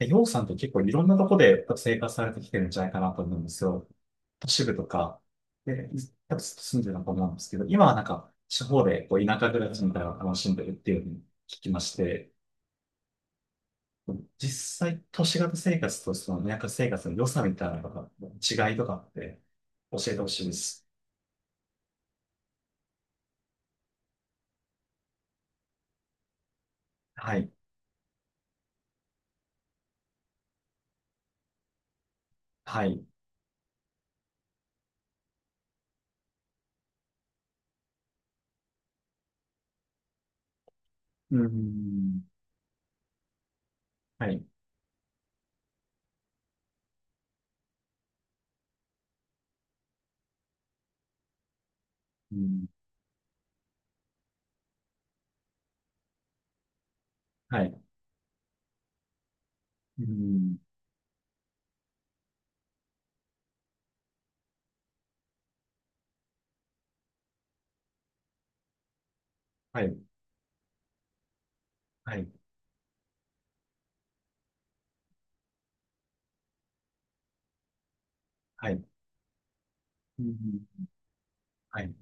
ようさんと結構いろんなとこで生活されてきてるんじゃないかなと思うんですよ。都市部とか、で、多分住んでるのかと思うんですけど、今は地方でこう田舎暮らしみたいなのを楽しんでるっていうふうに聞きまして、実際都市型生活とその田舎生活の良さみたいなのが違いとかって教えてほしいです。はい。はい。うーん。はい。うん。はい。うん。はい。はい。はい。うん。はい。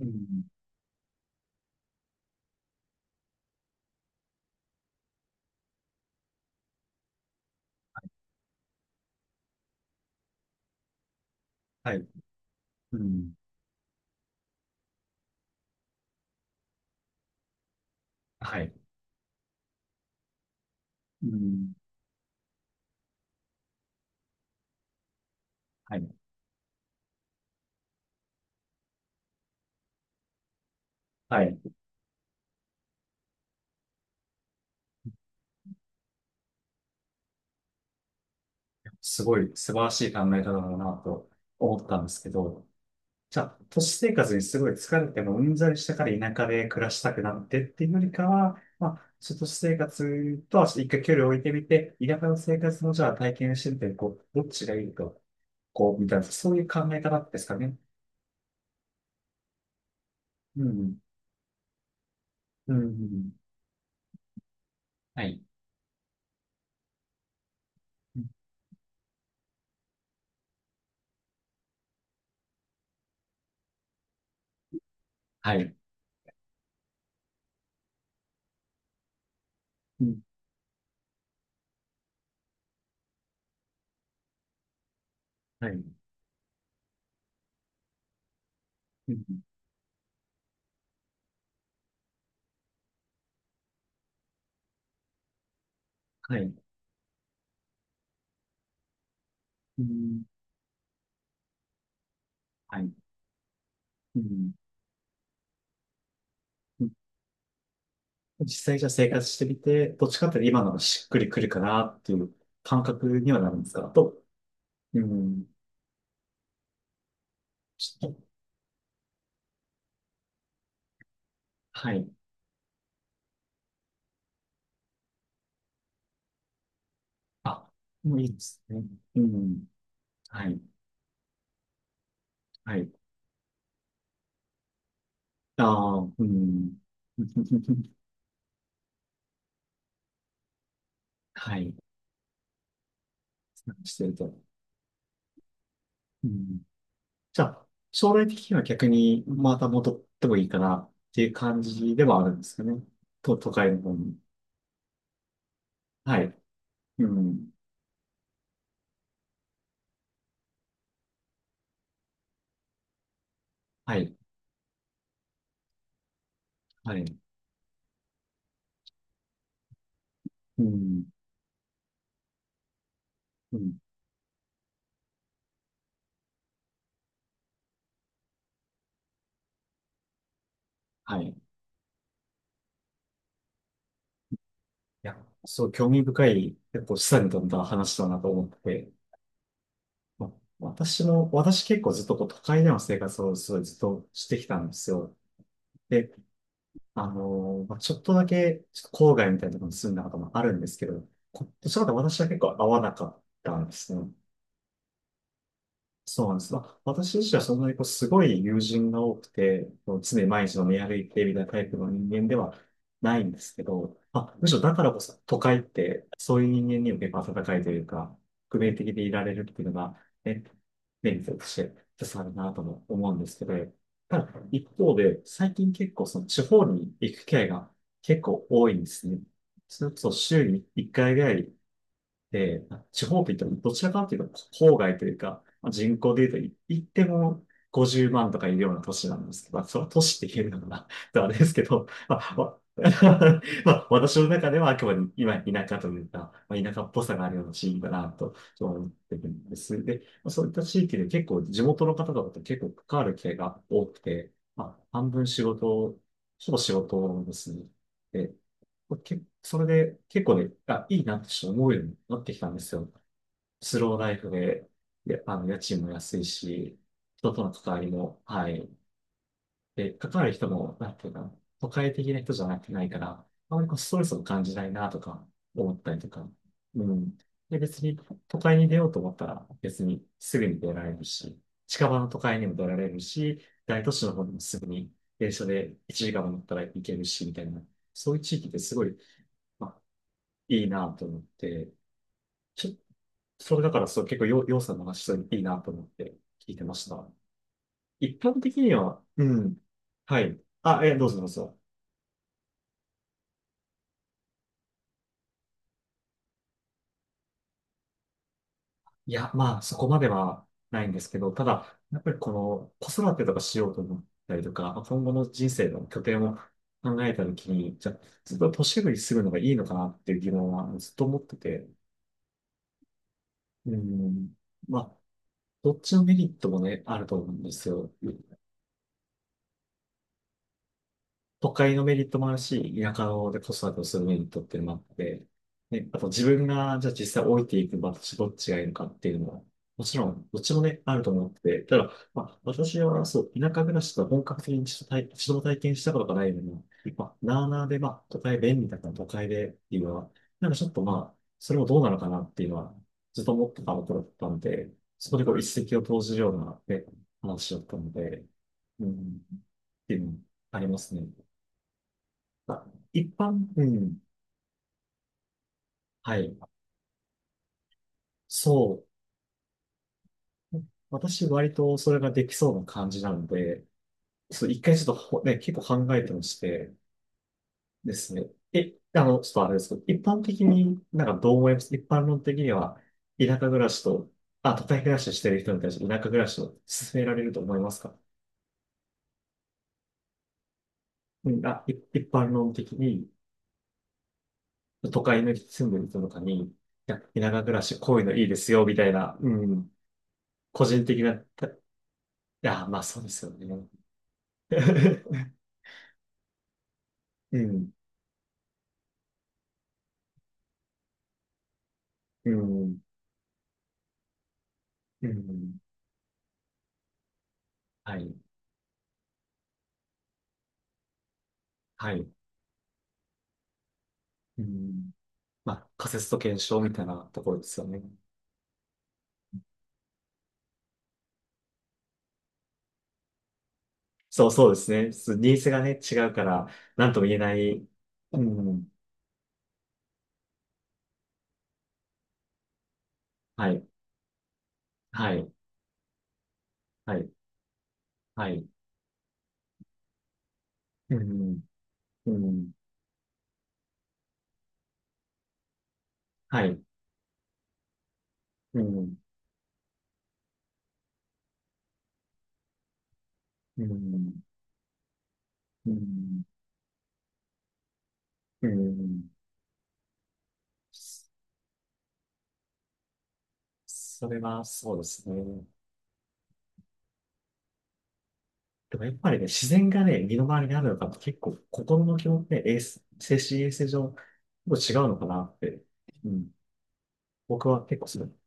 うん。はい。うん。はい。うん。はい。はい。すごい素晴らしい考え方だなと思ったんですけど、じゃあ、都市生活にすごい疲れてもうんざりしたから田舎で暮らしたくなってっていうよりかは、まあ、ちょっと都市生活とは一回距離を置いてみて、田舎の生活もじゃあ体験してみて、こう、どっちがいいと、こう、みたいな、そういう考え方ですかね。うん。うん。はい。はい。うん。はい。うん。はい。うん。はい。うん。実際じゃあ生活してみて、どっちかっていうと今のがしっくりくるかなっていう感覚にはなるんですかあと、うん、ちょっと、はい。あ、もういいですね。うん、はい、はい。ああ、うん。はい、してると。うん、じゃあ、将来的には逆にまた戻ってもいいかなっていう感じではあるんですかね。と、都会の方に。はい、うん、はい、はい、うん、うん、はい。や、そう、興味深い、結構示唆に富んだ話だなと思ってて、ま、私も、私結構ずっとこう都会での生活をすごいずっとしてきたんですよ。で、まあ、ちょっとだけ、ちょっと郊外みたいなところに住んだこともあるんですけど、こどちらかというと私は結構合わなかったんですね。そうなんです。まあ、私自身はそんなにこうすごい友人が多くて、こう常に毎日飲み歩いてみたいなタイプの人間ではないんですけど、まあ、むしろだからこそ都会ってそういう人間にも結構温かいというか、革命的でいられるっていうのが、ね、メリットとして一つあるなとも思うんですけど、ただ一方で最近結構その地方に行く機会が結構多いんですね。それこそ週に1回ぐらいで、地方とい言ってもどちらかというと郊外というか、まあ人口で言うと言っても50万とかいるような都市なんですけど、まあそれは都市って言えるのかな とあれですけど、まあ、わ まあ、私の中ではあくまで今田舎というか、まあ、田舎っぽさがあるような地域だなと思ってるんです。で、まあそういった地域で結構地元の方々と結構関わる機会が多くて、まあ、半分仕事、ほぼ仕事ですね。で、け、それで結構ね、あ、いいなってちょっと思うようになってきたんですよ。スローライフで、で、あの、家賃も安いし、人との関わりも、はい。で、関わる人も、なんていうか、都会的な人じゃなくてないから、あまりこうストレスを感じないなとか思ったりとか。うん。で、別に都会に出ようと思ったら、別にすぐに出られるし、近場の都会にも出られるし、大都市の方にもすぐに電車で1時間も乗ったら行けるし、みたいな。そういう地域ってすごい、まあ、いいなと思って、ちょっと、それだからそう、結構よ、ようさんの話、そういいなと思って聞いてました。一般的には、うん。はい。あ、え、どうぞどうぞ。いや、まあ、そこまではないんですけど、ただ、やっぱりこの、子育てとかしようと思ったりとか、まあ今後の人生の拠点を考えたときに、じゃあ、ずっと都市部に住むのがいいのかなっていう疑問はずっと思ってて、うん。まあ、どっちのメリットもね、あると思うんですよ。都会のメリットもあるし、田舎で子育てをするメリットっていうのもあって、ね、あと自分が、じゃあ実際置いていく場所どっちがいいのかっていうのも、もちろん、どっちもね、あると思ってて、ただ、まあ、私はそう、田舎暮らしとか本格的に一度体、一度も体験したことがないのに、まあ、なあなあで、まあ、都会便利だから都会でっていうのは、ちょっとまあ、それもどうなのかなっていうのは、ずっと思ってたところだったんで、そこでこう一石を投じるような、ね、話だったので、うん、っていうのもありますね。まあ一般、うん。はい。そう。私、割とそれができそうな感じなので、そう、一回ちょっとほね、結構考えてまして、ですね。え、あの、ちょっとあれですけど、一般的にどう思います一般論的には、田舎暮らしと、あ、都会暮らししてる人に対して田舎暮らしを勧められると思いますか。うん、あ、い一般論的に、都会の住んでる人とかに、いや、田舎暮らし、こういうのいいですよ、みたいな、うん、個人的な、たいや、まあそうですよね。うん、うん、うん。はい、はい。うん。まあ、仮説と検証みたいなところですよね。そう、そうですね。そうニーズがね、違うから、なんとも言えない。うん。はい、はい、はい、はい。うん、うん、はい、うん、うん、うん、うん。それはそうですね。でもやっぱりね、自然がね、身の回りにあるのかと結構心の気持ちね、衛生精神衛生上、結構違うのかなって。うん。僕は結構する。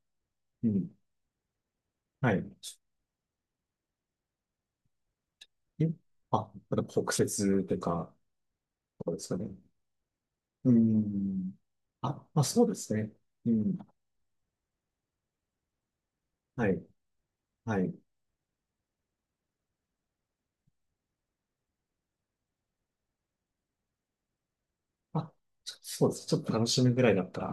うん。はい。え、あ、だから北節とか、そうですかね。うん。あ、まあそうですね。うん。はい。はい。あ、ちょそうです。ちょっと楽しむぐらいだったら。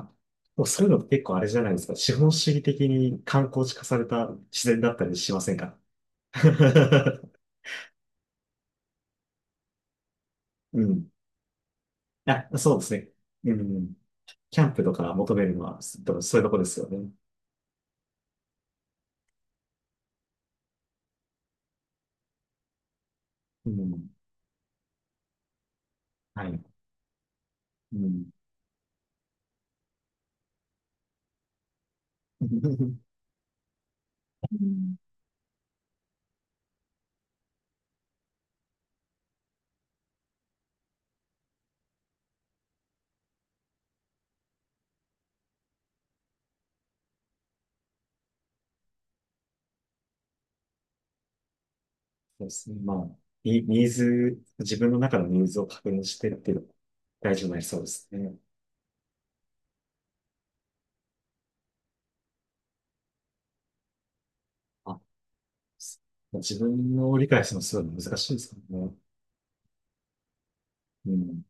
もうそういうのって結構あれじゃないですか。資本主義的に観光地化された自然だったりしませんか。 うん。あ、そうですね。うん。キャンプとか求めるのは、すそういうとこですよね。うん。はい。うん。うん、そうですね。まあ、ニニーズ、自分の中のニーズを確認してっていうのが大事になりそうですね。あ、す自分を理解するのすごい難しいですからね。うん。